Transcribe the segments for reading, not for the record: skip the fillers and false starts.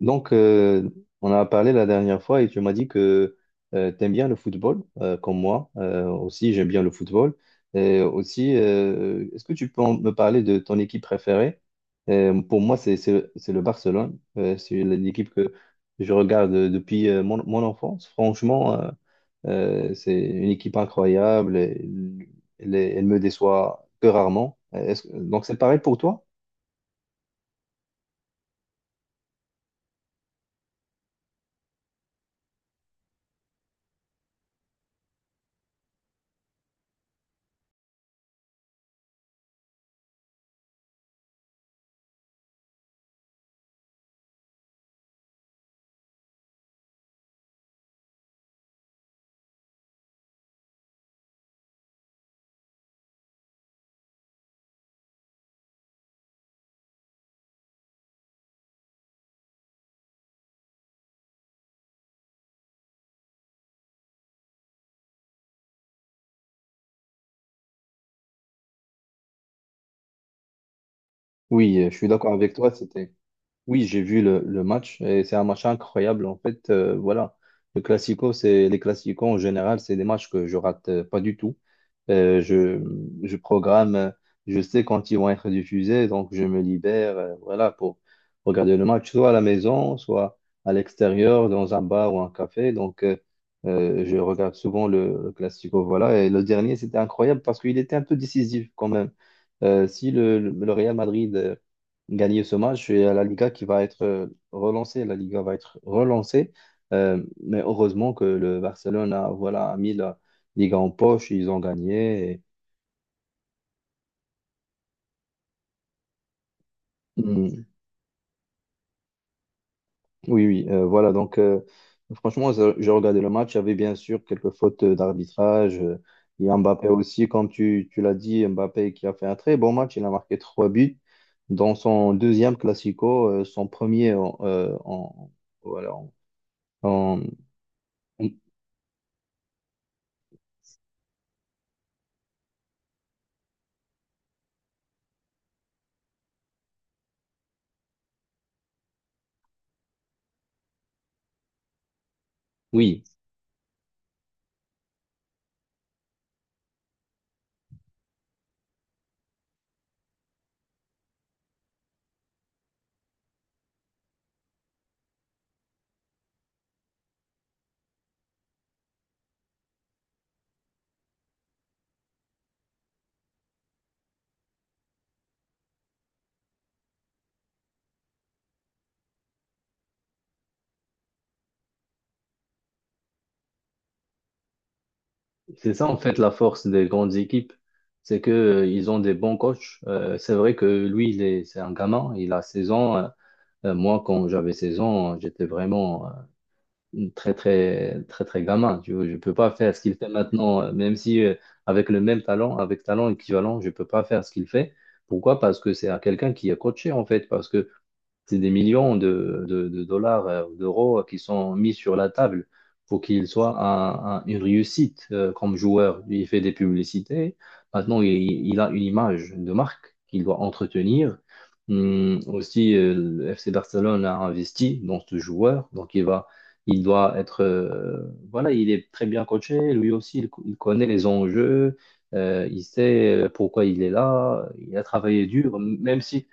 Donc, euh, on a parlé la dernière fois et tu m'as dit que tu aimes bien le football, comme moi aussi, j'aime bien le football. Et aussi, est-ce que tu peux me parler de ton équipe préférée? Pour moi, c'est le Barcelone. C'est l'équipe que je regarde depuis mon enfance. Franchement, c'est une équipe incroyable. Elle me déçoit que rarement. Donc, c'est pareil pour toi? Oui, je suis d'accord avec toi. C'était. Oui, j'ai vu le match et c'est un match incroyable. En fait, voilà, le classico, c'est les classicos en général, c'est des matchs que je rate pas du tout. Euh, je, je programme, je sais quand ils vont être diffusés, donc je me libère, voilà, pour regarder le match, soit à la maison, soit à l'extérieur, dans un bar ou un café. Je regarde souvent le classico, voilà. Et le dernier, c'était incroyable parce qu'il était un peu décisif quand même. Si le Real Madrid gagner ce match et à la Liga qui va être relancée. La Liga va être relancée. Mais heureusement que le Barcelone a, voilà, a mis la Liga en poche, ils ont gagné. Mm. Oui, voilà. Franchement, j'ai regardé le match. Il y avait bien sûr quelques fautes d'arbitrage. Il y a Mbappé aussi, comme tu l'as dit, Mbappé qui a fait un très bon match. Il a marqué trois buts dans son deuxième Classico, son premier en, en- voilà, en- en- oui, c'est ça en fait la force des grandes équipes, c'est que ils ont des bons coachs. C'est vrai que lui, c'est un gamin, il a 16 ans. Moi, quand j'avais 16 ans, j'étais vraiment très très très très gamin. Tu vois, je peux pas faire ce qu'il fait maintenant, même si avec le même talent, avec talent équivalent, je peux pas faire ce qu'il fait. Pourquoi? Parce que c'est à quelqu'un qui est coaché en fait, parce que c'est des millions de dollars, d'euros qui sont mis sur la table pour qu'il soit une réussite comme joueur. Il fait des publicités. Maintenant, il a une image de marque qu'il doit entretenir. Aussi, le FC Barcelone a investi dans ce joueur. Donc, il va, il doit être. Voilà, il est très bien coaché. Lui aussi, il connaît les enjeux. Il sait pourquoi il est là. Il a travaillé dur, même si.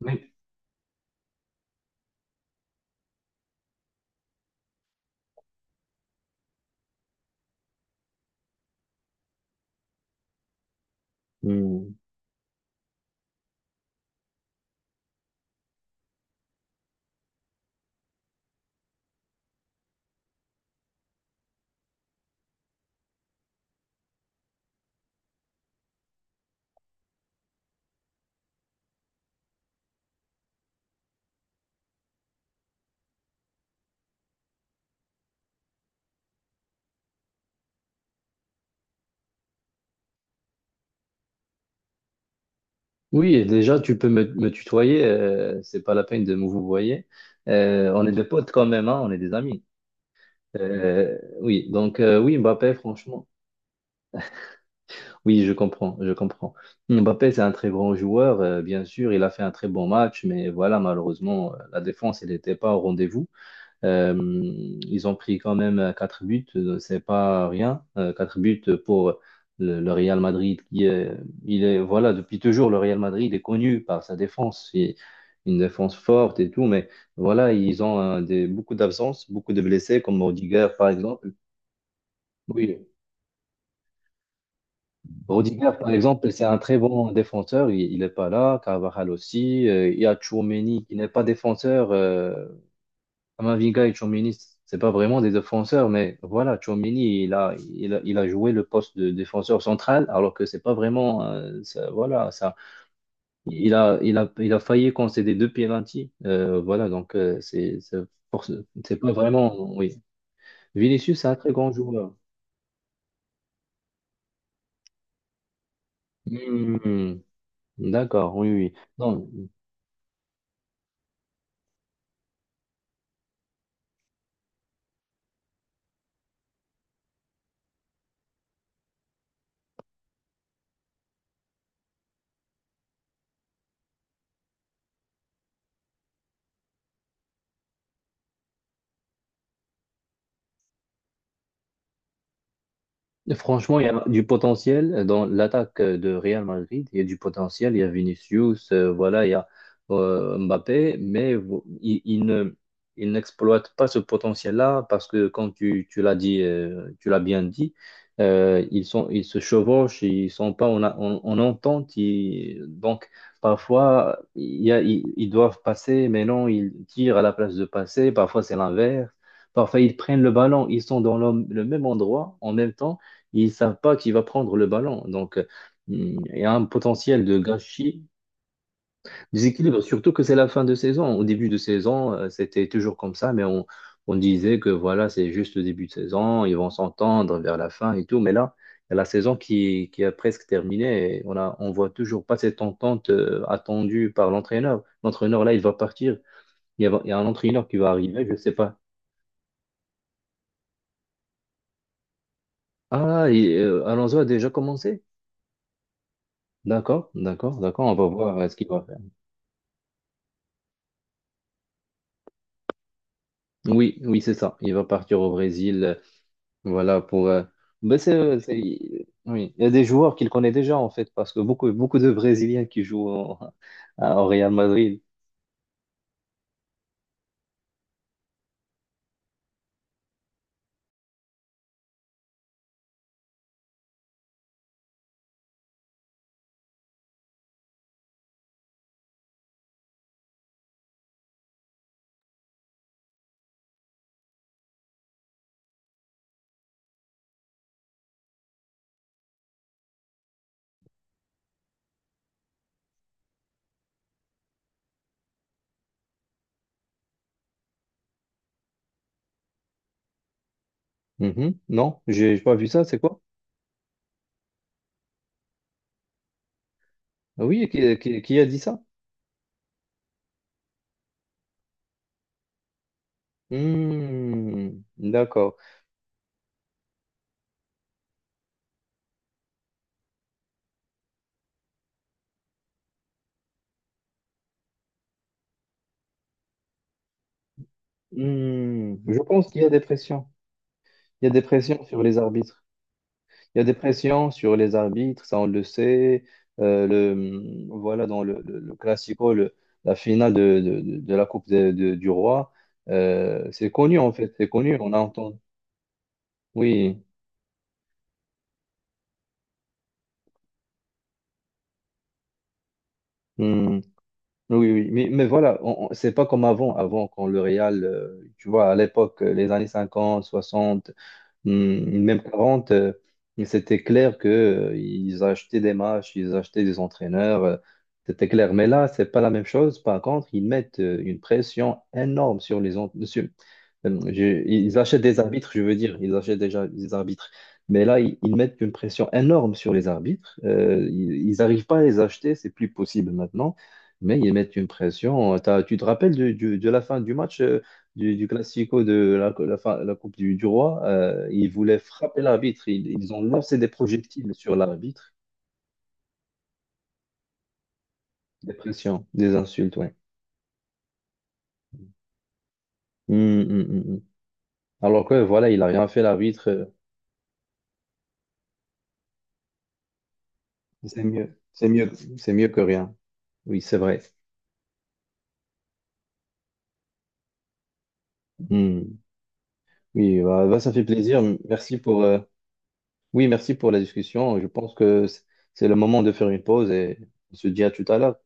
même- hum, oui, et déjà, tu peux me tutoyer, c'est pas la peine de me vouvoyer. On est des potes quand même, hein, on est des amis. Oui, Mbappé, franchement, oui, je comprends, je comprends. Mbappé, c'est un très grand joueur, bien sûr, il a fait un très bon match, mais voilà, malheureusement, la défense, elle n'était pas au rendez-vous. Euh, ils ont pris quand même 4 buts, c'est pas rien. 4 buts pour le Real Madrid qui est, il est, voilà, depuis toujours, le Real Madrid est connu par sa défense, et une défense forte et tout, mais voilà, ils ont beaucoup d'absences, beaucoup de blessés, comme Rodiger par exemple. Oui, Rodiger par exemple, c'est un très bon défenseur, il n'est pas là, Carvajal aussi, il y a Tchouaméni qui n'est pas défenseur, Kamavinga et Tchouaméni, c'est pas vraiment des défenseurs, mais voilà, Tchouaméni, il a joué le poste de défenseur central, alors que c'est pas vraiment, voilà, ça, il a failli concéder deux pénaltys, voilà, c'est pas vraiment, oui. Vinicius, c'est un très grand joueur. Hmm, d'accord, oui, oui. Non, franchement, il y a du potentiel dans l'attaque de Real Madrid. Il y a du potentiel. Il y a Vinicius, voilà, il y a Mbappé, mais il ne, il n'exploite pas ce potentiel-là parce que, comme tu l'as dit, tu l'as bien dit, ils se chevauchent, ils sont pas en entente. Donc, parfois, il y a, ils doivent passer, mais non, ils tirent à la place de passer. Parfois, c'est l'inverse. Parfois, ils prennent le ballon, ils sont dans le même endroit en même temps ils savent pas qui va prendre le ballon. Il y a un potentiel de gâchis, déséquilibre, surtout que c'est la fin de saison. Au début de saison, c'était toujours comme ça, on disait que voilà, c'est juste le début de saison, ils vont s'entendre vers la fin et tout. Mais là, il y a la saison qui a presque terminé et on voit toujours pas cette entente attendue par l'entraîneur. L'entraîneur, là, il va partir. Il y a un entraîneur qui va arriver, je sais pas. Alonso a déjà commencé? D'accord, d'accord, d'accord. On va voir ce qu'il va. Oui, oui, c'est ça. Il va partir au Brésil, voilà, pour... oui. Il y a des joueurs qu'il connaît déjà, en fait, parce que beaucoup, beaucoup de Brésiliens qui jouent au Real Madrid. Mhm. Non, j'ai pas vu ça, c'est quoi? Ah oui, qui a dit ça? Hmm, d'accord. Hmm, je pense qu'il y a des pressions. Il y a des pressions sur les arbitres. Il y a des pressions sur les arbitres, ça on le sait. Dans le Classico, la finale de la Coupe du Roi, c'est connu en fait, c'est connu, on a entendu. Oui, hmm, oui, oui. Mais voilà, c'est pas comme avant, avant quand le Real, tu vois, à l'époque, les années 50, 60. Hmm, même 40, c'était clair que ils achetaient des matchs, ils achetaient des entraîneurs, c'était clair. Mais là, c'est pas la même chose. Par contre, ils mettent une pression énorme sur sur, ils achètent des arbitres, je veux dire, ils achètent déjà des arbitres. Mais là, ils mettent une pression énorme sur les arbitres. Ils n'arrivent pas à les acheter, c'est plus possible maintenant. Mais ils mettent une pression. Tu te rappelles de la fin du match, du Classico de la Coupe du Roi? Euh, ils voulaient frapper l'arbitre. Ils ont lancé des projectiles sur l'arbitre, des pressions, des insultes, ouais. Hum, hum, hum, hum. Alors que voilà, il n'a rien fait l'arbitre. Euh, c'est mieux, c'est mieux, c'est mieux que rien. Oui, c'est vrai. Hmm. Oui, bah, bah, ça fait plaisir. Merci pour, euh, oui, merci pour la discussion. Je pense que c'est le moment de faire une pause et on se dit à tout à l'heure.